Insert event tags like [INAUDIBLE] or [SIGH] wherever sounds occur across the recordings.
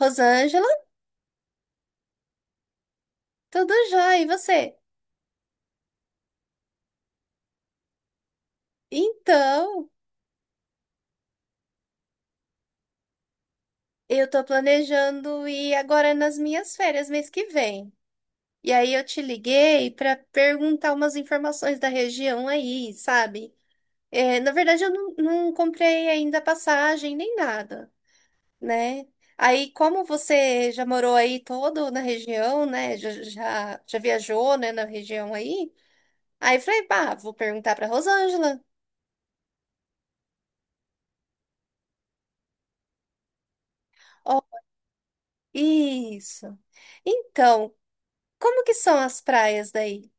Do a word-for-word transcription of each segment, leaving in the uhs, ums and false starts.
Rosângela, tudo jóia, e você? Então, eu tô planejando ir agora nas minhas férias mês que vem. E aí eu te liguei para perguntar umas informações da região aí, sabe? É, na verdade, eu não, não comprei ainda passagem nem nada, né? Aí, como você já morou aí todo na região, né? Já, já, já viajou, né, na região aí? Aí eu falei, pá, vou perguntar para Rosângela. Ó, isso. Então, como que são as praias daí?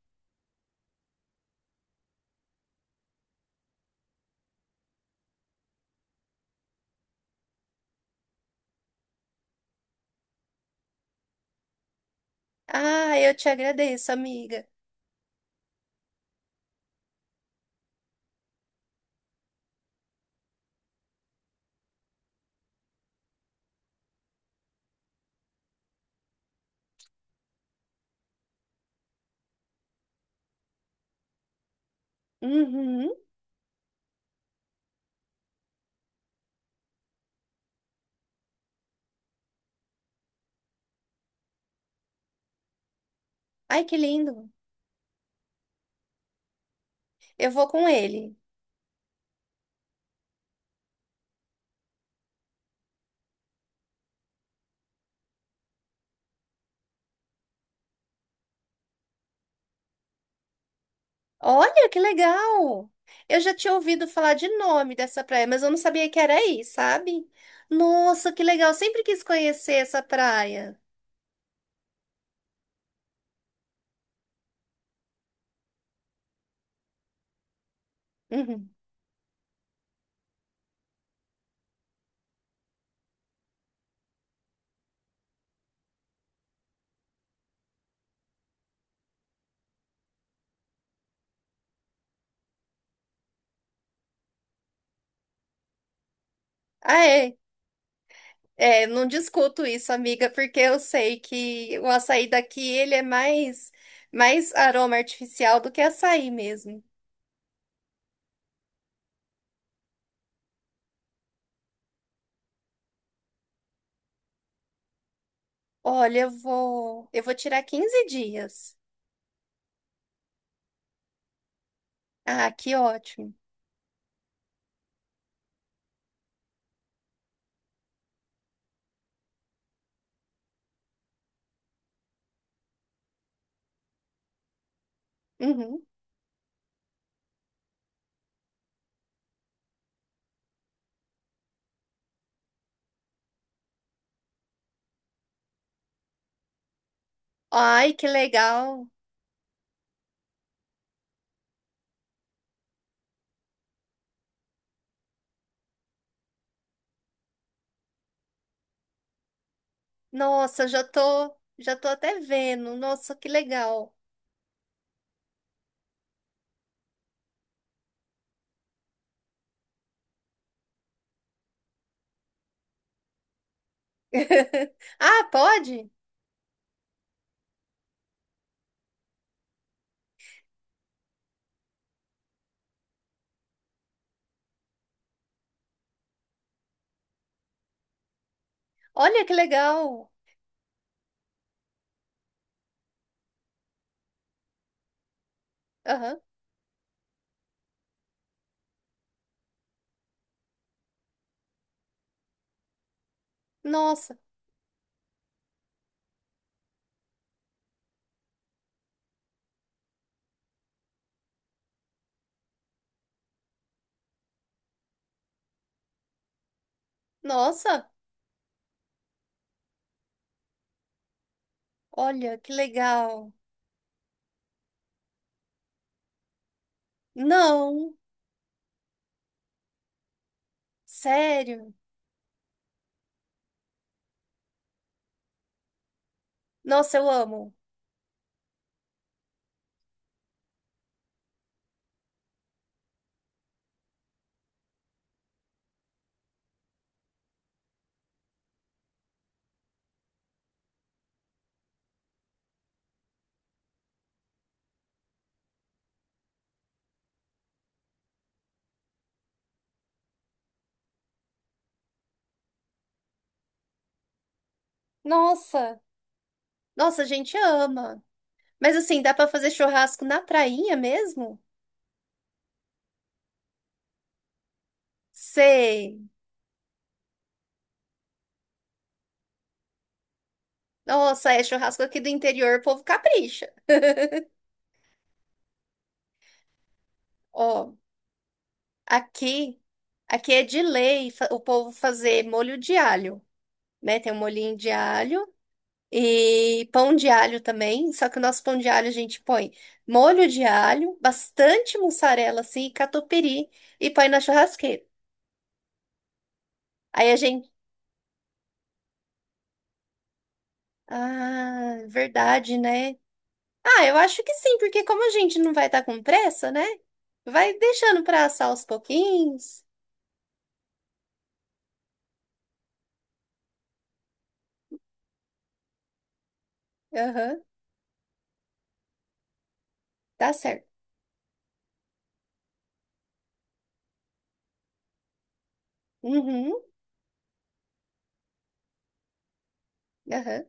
Ah, eu te agradeço, amiga. Uhum. Ai, que lindo. Eu vou com ele. Olha, que legal. Eu já tinha ouvido falar de nome dessa praia, mas eu não sabia que era aí, sabe? Nossa, que legal. Sempre quis conhecer essa praia. Uhum. Ah, é. É, não discuto isso, amiga, porque eu sei que o açaí daqui, ele é mais, mais aroma artificial do que açaí mesmo. Olha, eu vou, eu vou tirar quinze dias. Ah, que ótimo. Uhum. Ai, que legal. Nossa, já tô, já tô até vendo. Nossa, que legal. [LAUGHS] Ah, pode? Olha que legal. Aham. Nossa, nossa. Olha que legal. Não, sério. Nossa, eu amo. Nossa, nossa, a gente ama. Mas assim, dá pra fazer churrasco na prainha mesmo? Sei. Nossa, é churrasco aqui do interior, o povo capricha. Ó. Aqui, aqui é de lei fa- o povo fazer molho de alho, né? Tem um molhinho de alho e pão de alho também. Só que o nosso pão de alho a gente põe molho de alho, bastante mussarela assim, e catupiry e põe na churrasqueira. Aí a gente, ah, verdade, né? Ah, eu acho que sim, porque como a gente não vai estar com pressa, né? Vai deixando para assar aos pouquinhos. Aham, tá certo. Uhum, aham.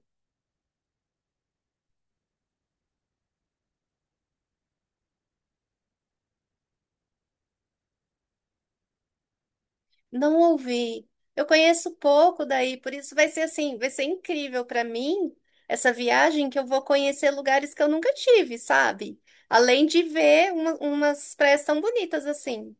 Não ouvi. Eu conheço pouco daí, por isso vai ser assim, vai ser incrível para mim essa viagem que eu vou conhecer lugares que eu nunca tive, sabe? Além de ver uma- umas praias tão bonitas assim.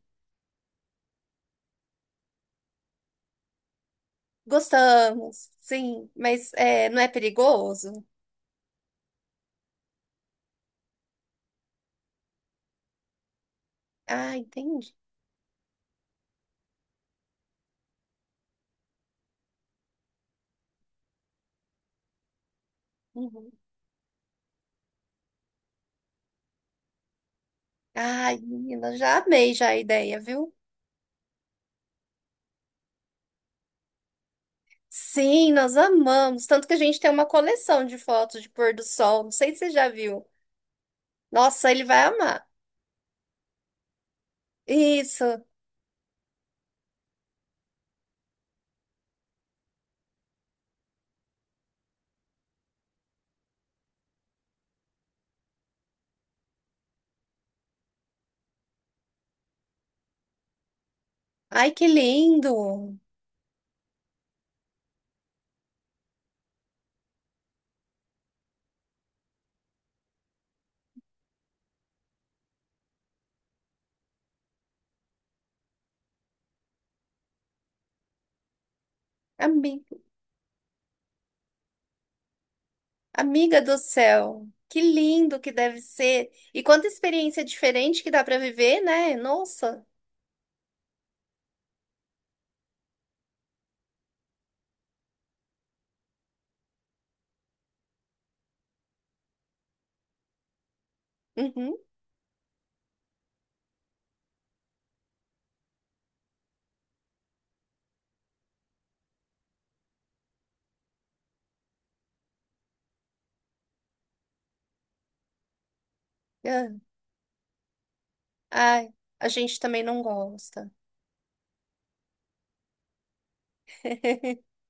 Gostamos, sim, mas é, não é perigoso? Ah, entendi. Uhum. Ai, menina, já amei já a ideia, viu? Sim, nós amamos. Tanto que a gente tem uma coleção de fotos de pôr do sol. Não sei se você já viu. Nossa, ele vai amar. Isso. Ai, que lindo! Ami- Amiga do céu, que lindo que deve ser! E quanta experiência diferente que dá para viver, né? Nossa! Uhum. Ah, ai, a gente também não gosta. [LAUGHS]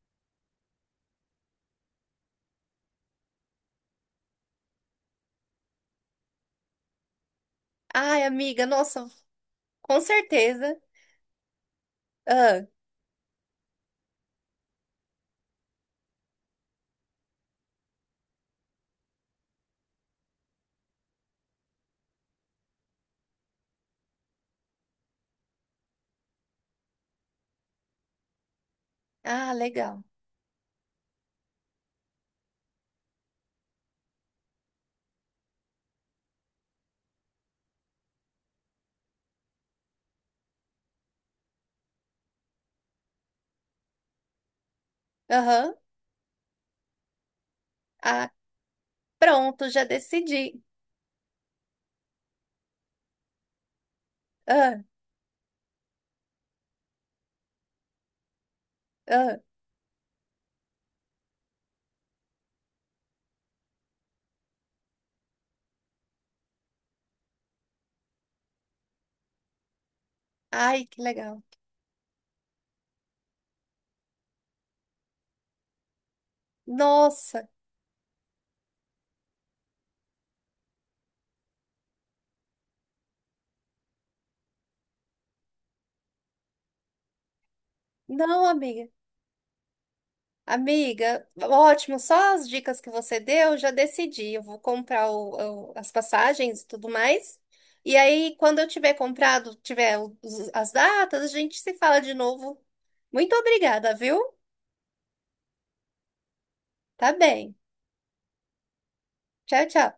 Ai, amiga, nossa, com certeza. Ah, ah, legal. Aham. Ah, pronto, já decidi. Ah, ah. Ai, que legal. Nossa, não, amiga. Amiga, ótimo, só as dicas que você deu, já decidi. Eu vou comprar o- o- as passagens e tudo mais. E aí, quando eu tiver comprado, tiver os- as datas, a gente se fala de novo. Muito obrigada, viu? Tá bem. Tchau, tchau.